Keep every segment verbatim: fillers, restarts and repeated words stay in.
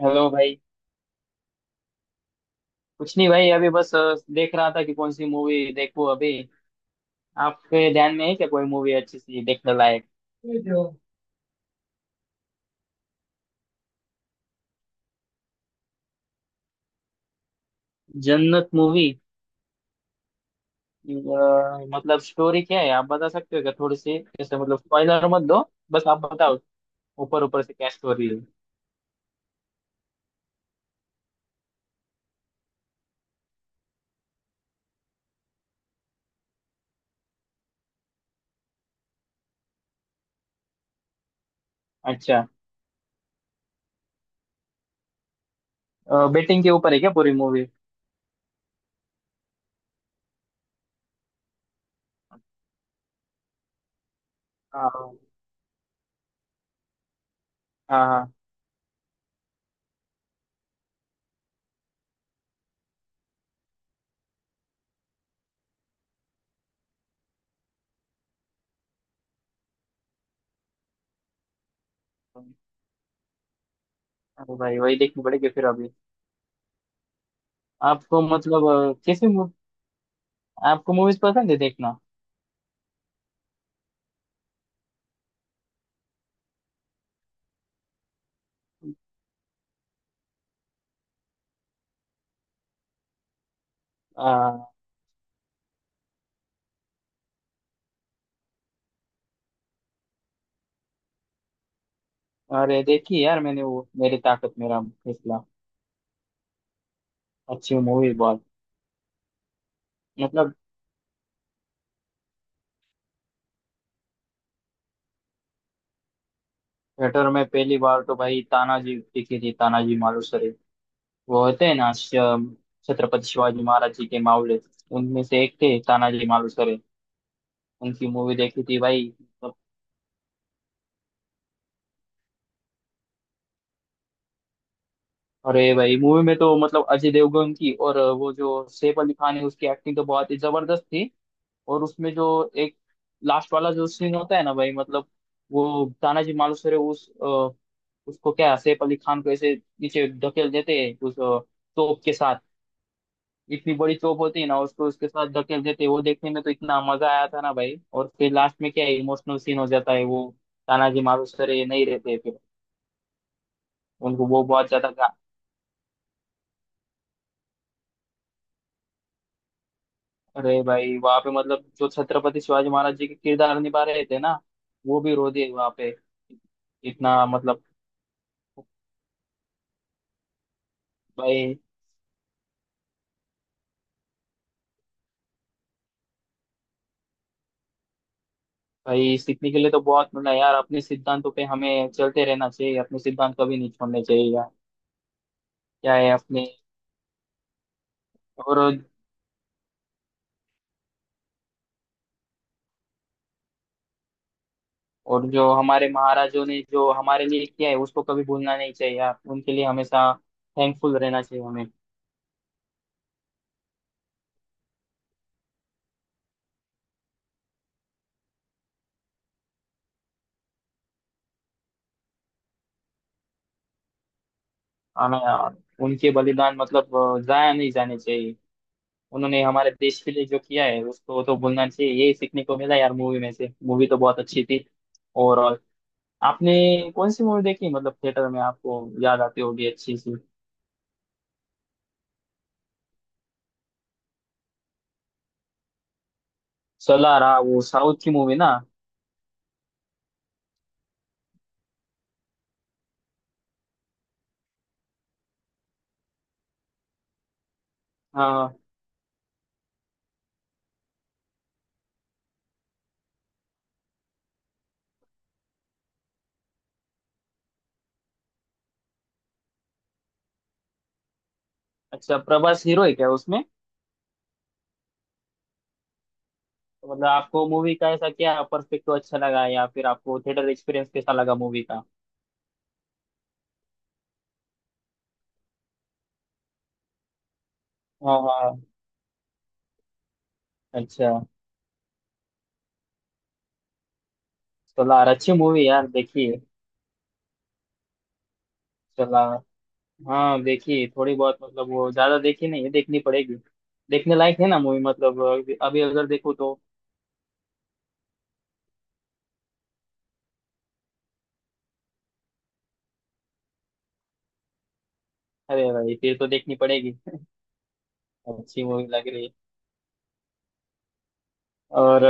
Hello भाई। कुछ नहीं भाई, अभी बस अ, देख रहा था कि कौन सी मूवी देखूं अभी। आपके ध्यान में है क्या कोई मूवी अच्छी सी देखने लायक। जन्नत मूवी। मतलब स्टोरी क्या है, आप बता सकते हो क्या थोड़ी सी, जैसे मतलब स्पॉइलर मत दो। बस आप बताओ। ऊपर ऊपर से क्या स्टोरी है। अच्छा। बेटिंग के ऊपर है क्या पूरी मूवी। हाँ हाँ हाँ। अरे भाई वही देखनी पड़ेगी फिर अभी। आपको मतलब अ, कैसी मू- आपको मूवीज पसंद है देखना। अरे देखी यार मैंने वो, मेरी ताकत मेरा फैसला। अच्छी मूवी बहुत। मतलब थिएटर में पहली बार तो भाई तानाजी दिखी थी, तानाजी मालुसरे। वो होते हैं ना श- छत्रपति शिवाजी महाराज जी के मावले। उनमें से एक थे तानाजी मालुसरे। उनकी मूवी देखी थी भाई, मतलब। अरे भाई मूवी में तो मतलब अजय देवगन की और वो जो सैफ अली खान है, उसकी एक्टिंग तो बहुत ही जबरदस्त थी। और उसमें जो एक लास्ट वाला जो सीन होता है ना भाई, मतलब वो तानाजी मालुसरे उस अ, उसको क्या, सैफ अली खान को ऐसे नीचे धकेल देते हैं उस अ, तोप के साथ। इतनी बड़ी तोप होती है ना, उसको उसके साथ धकेल देते हैं, वो देखने में तो इतना मजा आया था ना भाई। और फिर लास्ट में क्या इमोशनल सीन हो जाता है वो। तानाजी मालुसरे नहीं रहते फिर। उनको वो बहुत ज्यादा गा- अरे भाई, वहां पे मतलब जो छत्रपति शिवाजी महाराज जी के किरदार निभा रहे थे ना, वो भी रो दिए वहां पे। इतना मतलब। भाई भाई, सीखने के लिए तो बहुत मिला यार, अपने सिद्धांतों पे हमें चलते रहना चाहिए, अपने सिद्धांत कभी नहीं छोड़ने चाहिए यार। क्या है अपने। और और जो हमारे महाराजों ने जो हमारे लिए किया है उसको कभी भूलना नहीं चाहिए यार, उनके लिए हमेशा थैंकफुल रहना चाहिए हमें। हमें यार, उनके बलिदान मतलब अ, जाया नहीं जाने चाहिए। उन्होंने हमारे देश के लिए जो किया है उसको तो भूलना चाहिए, ये सीखने को मिला यार मूवी में से, मूवी तो बहुत अच्छी थी ओवरऑल। आपने कौन सी मूवी देखी मतलब थिएटर में आपको, याद आती होगी अच्छी सी। सोलार हाँ, वो साउथ की मूवी ना। हाँ। अच्छा, प्रभास हीरो है क्या उसमें। तो मतलब आपको मूवी का ऐसा क्या पर्सपेक्टिव अच्छा लगा, या फिर आपको थिएटर एक्सपीरियंस कैसा लगा मूवी का। हाँ हाँ। अच्छा। सोलार अच्छी मूवी यार, देखिए। सोलार। हाँ देखिए थोड़ी बहुत, मतलब वो ज्यादा देखी नहीं है, देखनी पड़ेगी। देखने लायक है ना मूवी, मतलब अभी अभी अगर देखो तो। अरे भाई फिर तो देखनी पड़ेगी, अच्छी मूवी लग रही है। और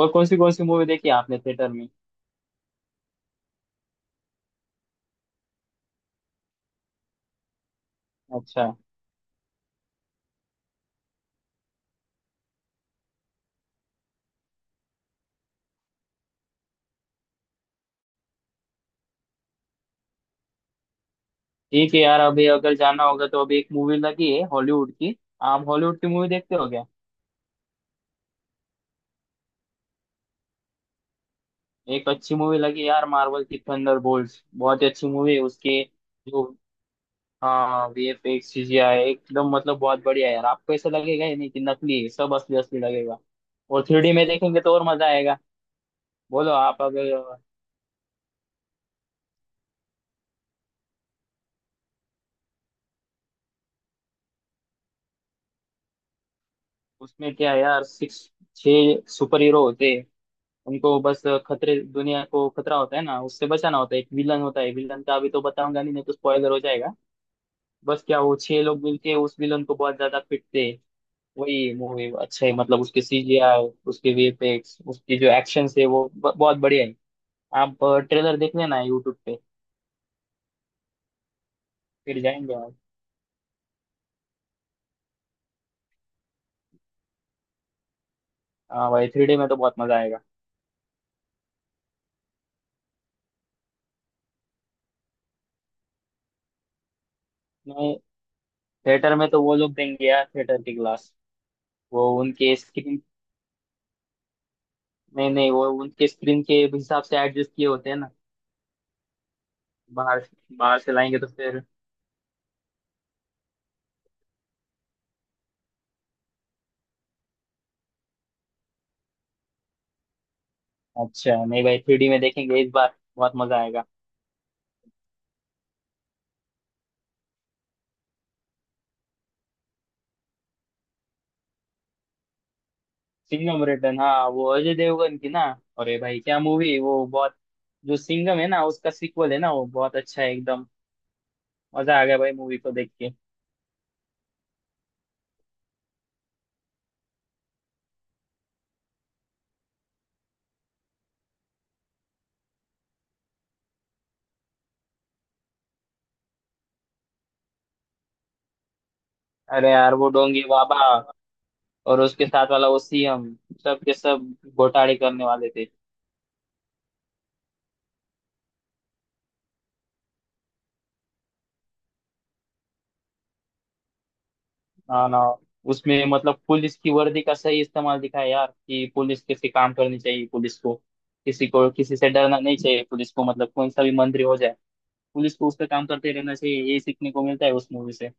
और कौन सी कौन सी मूवी देखी आपने थिएटर में। अच्छा। ठीक है यार, अभी अगर जाना होगा तो अभी एक मूवी लगी है हॉलीवुड की। आप हॉलीवुड की मूवी देखते हो क्या। एक अच्छी मूवी लगी यार, मार्वल की थंडरबोल्ट्स, बहुत ही अच्छी मूवी है उसके जो। हाँ वी एफ एक्स चीजें आए एकदम, मतलब बहुत बढ़िया है यार, आपको ऐसा लगेगा ही नहीं कि नकली है, सब असली असली लगेगा। और थ्री डी में देखेंगे तो और मजा आएगा। बोलो आप अगर। उसमें क्या है यार, सिक्स, छह सुपर हीरो होते हैं। उनको बस खतरे, दुनिया को खतरा होता है ना उससे बचाना होता है, एक विलन होता है, विलन का अभी तो बताऊंगा नहीं, नहीं तो स्पॉइलर हो जाएगा। बस क्या, वो छह लोग मिलके उस विलन को बहुत ज्यादा पीटते। वही मूवी अच्छा है मतलब, उसके सी जी आई, उसके वी एफ एक्स, उसके जो एक्शन है वो ब- बहुत बढ़िया है। आप ट्रेलर देख लेना यूट्यूब पे। फिर जाएंगे आप। हाँ भाई, थ्री डी में तो बहुत मजा आएगा। नहीं, थिएटर में तो वो लोग देंगे यार, थिएटर के ग्लास। वो उनके स्क्रीन, नहीं नहीं, वो उनके स्क्रीन के हिसाब से एडजस्ट किए होते हैं ना। बाहर, बाहर से लाएंगे तो फिर। अच्छा नहीं भाई, थ्री डी में देखेंगे इस बार, बहुत मजा आएगा। सिंघम रिटर्न, हाँ वो अजय देवगन की ना। अरे भाई क्या मूवी है वो, बहुत। जो सिंघम है ना उसका सीक्वल है ना, वो बहुत अच्छा है एकदम। मजा आ गया भाई मूवी को देख के। अरे यार वो डोंगी बाबा, और उसके साथ वाला वो सी एम, सब के सब घोटाले करने वाले थे। ना ना। उसमें मतलब पुलिस की वर्दी का सही इस्तेमाल दिखा है यार, कि पुलिस कैसे काम करनी चाहिए, पुलिस को किसी को किसी से डरना नहीं चाहिए, पुलिस को मतलब कौन सा भी मंत्री हो जाए, पुलिस को उसका काम करते रहना चाहिए, यही सीखने को मिलता है उस मूवी से।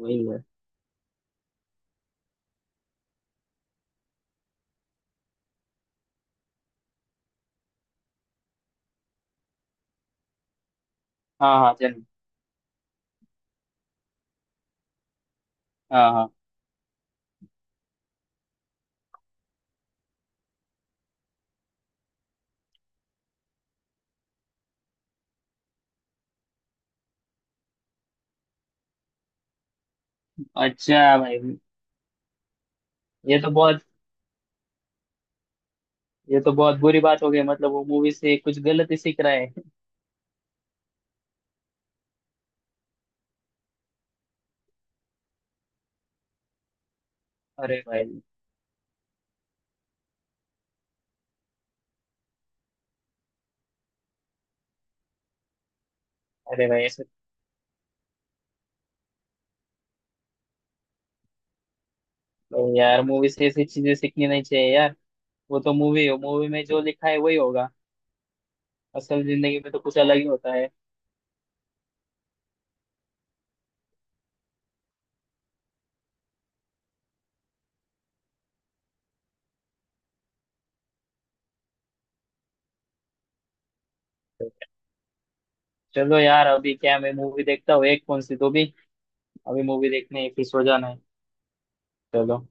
वही है। हाँ हाँ चल। हाँ हाँ। अच्छा भाई। ये तो बहुत ये तो बहुत बुरी बात हो गई, मतलब वो मूवी से कुछ गलत ही सीख रहा है। अरे भाई अरे भाई ऐसे। तो यार मूवी से ऐसी चीजें सीखनी नहीं चाहिए यार। वो तो मूवी है, मूवी में जो लिखा है वही होगा। असल जिंदगी में तो कुछ अलग ही होता है। चलो यार, अभी क्या, मैं मूवी देखता हूँ एक कौन सी तो भी। अभी मूवी देखने फिर सो जाना है। चलो।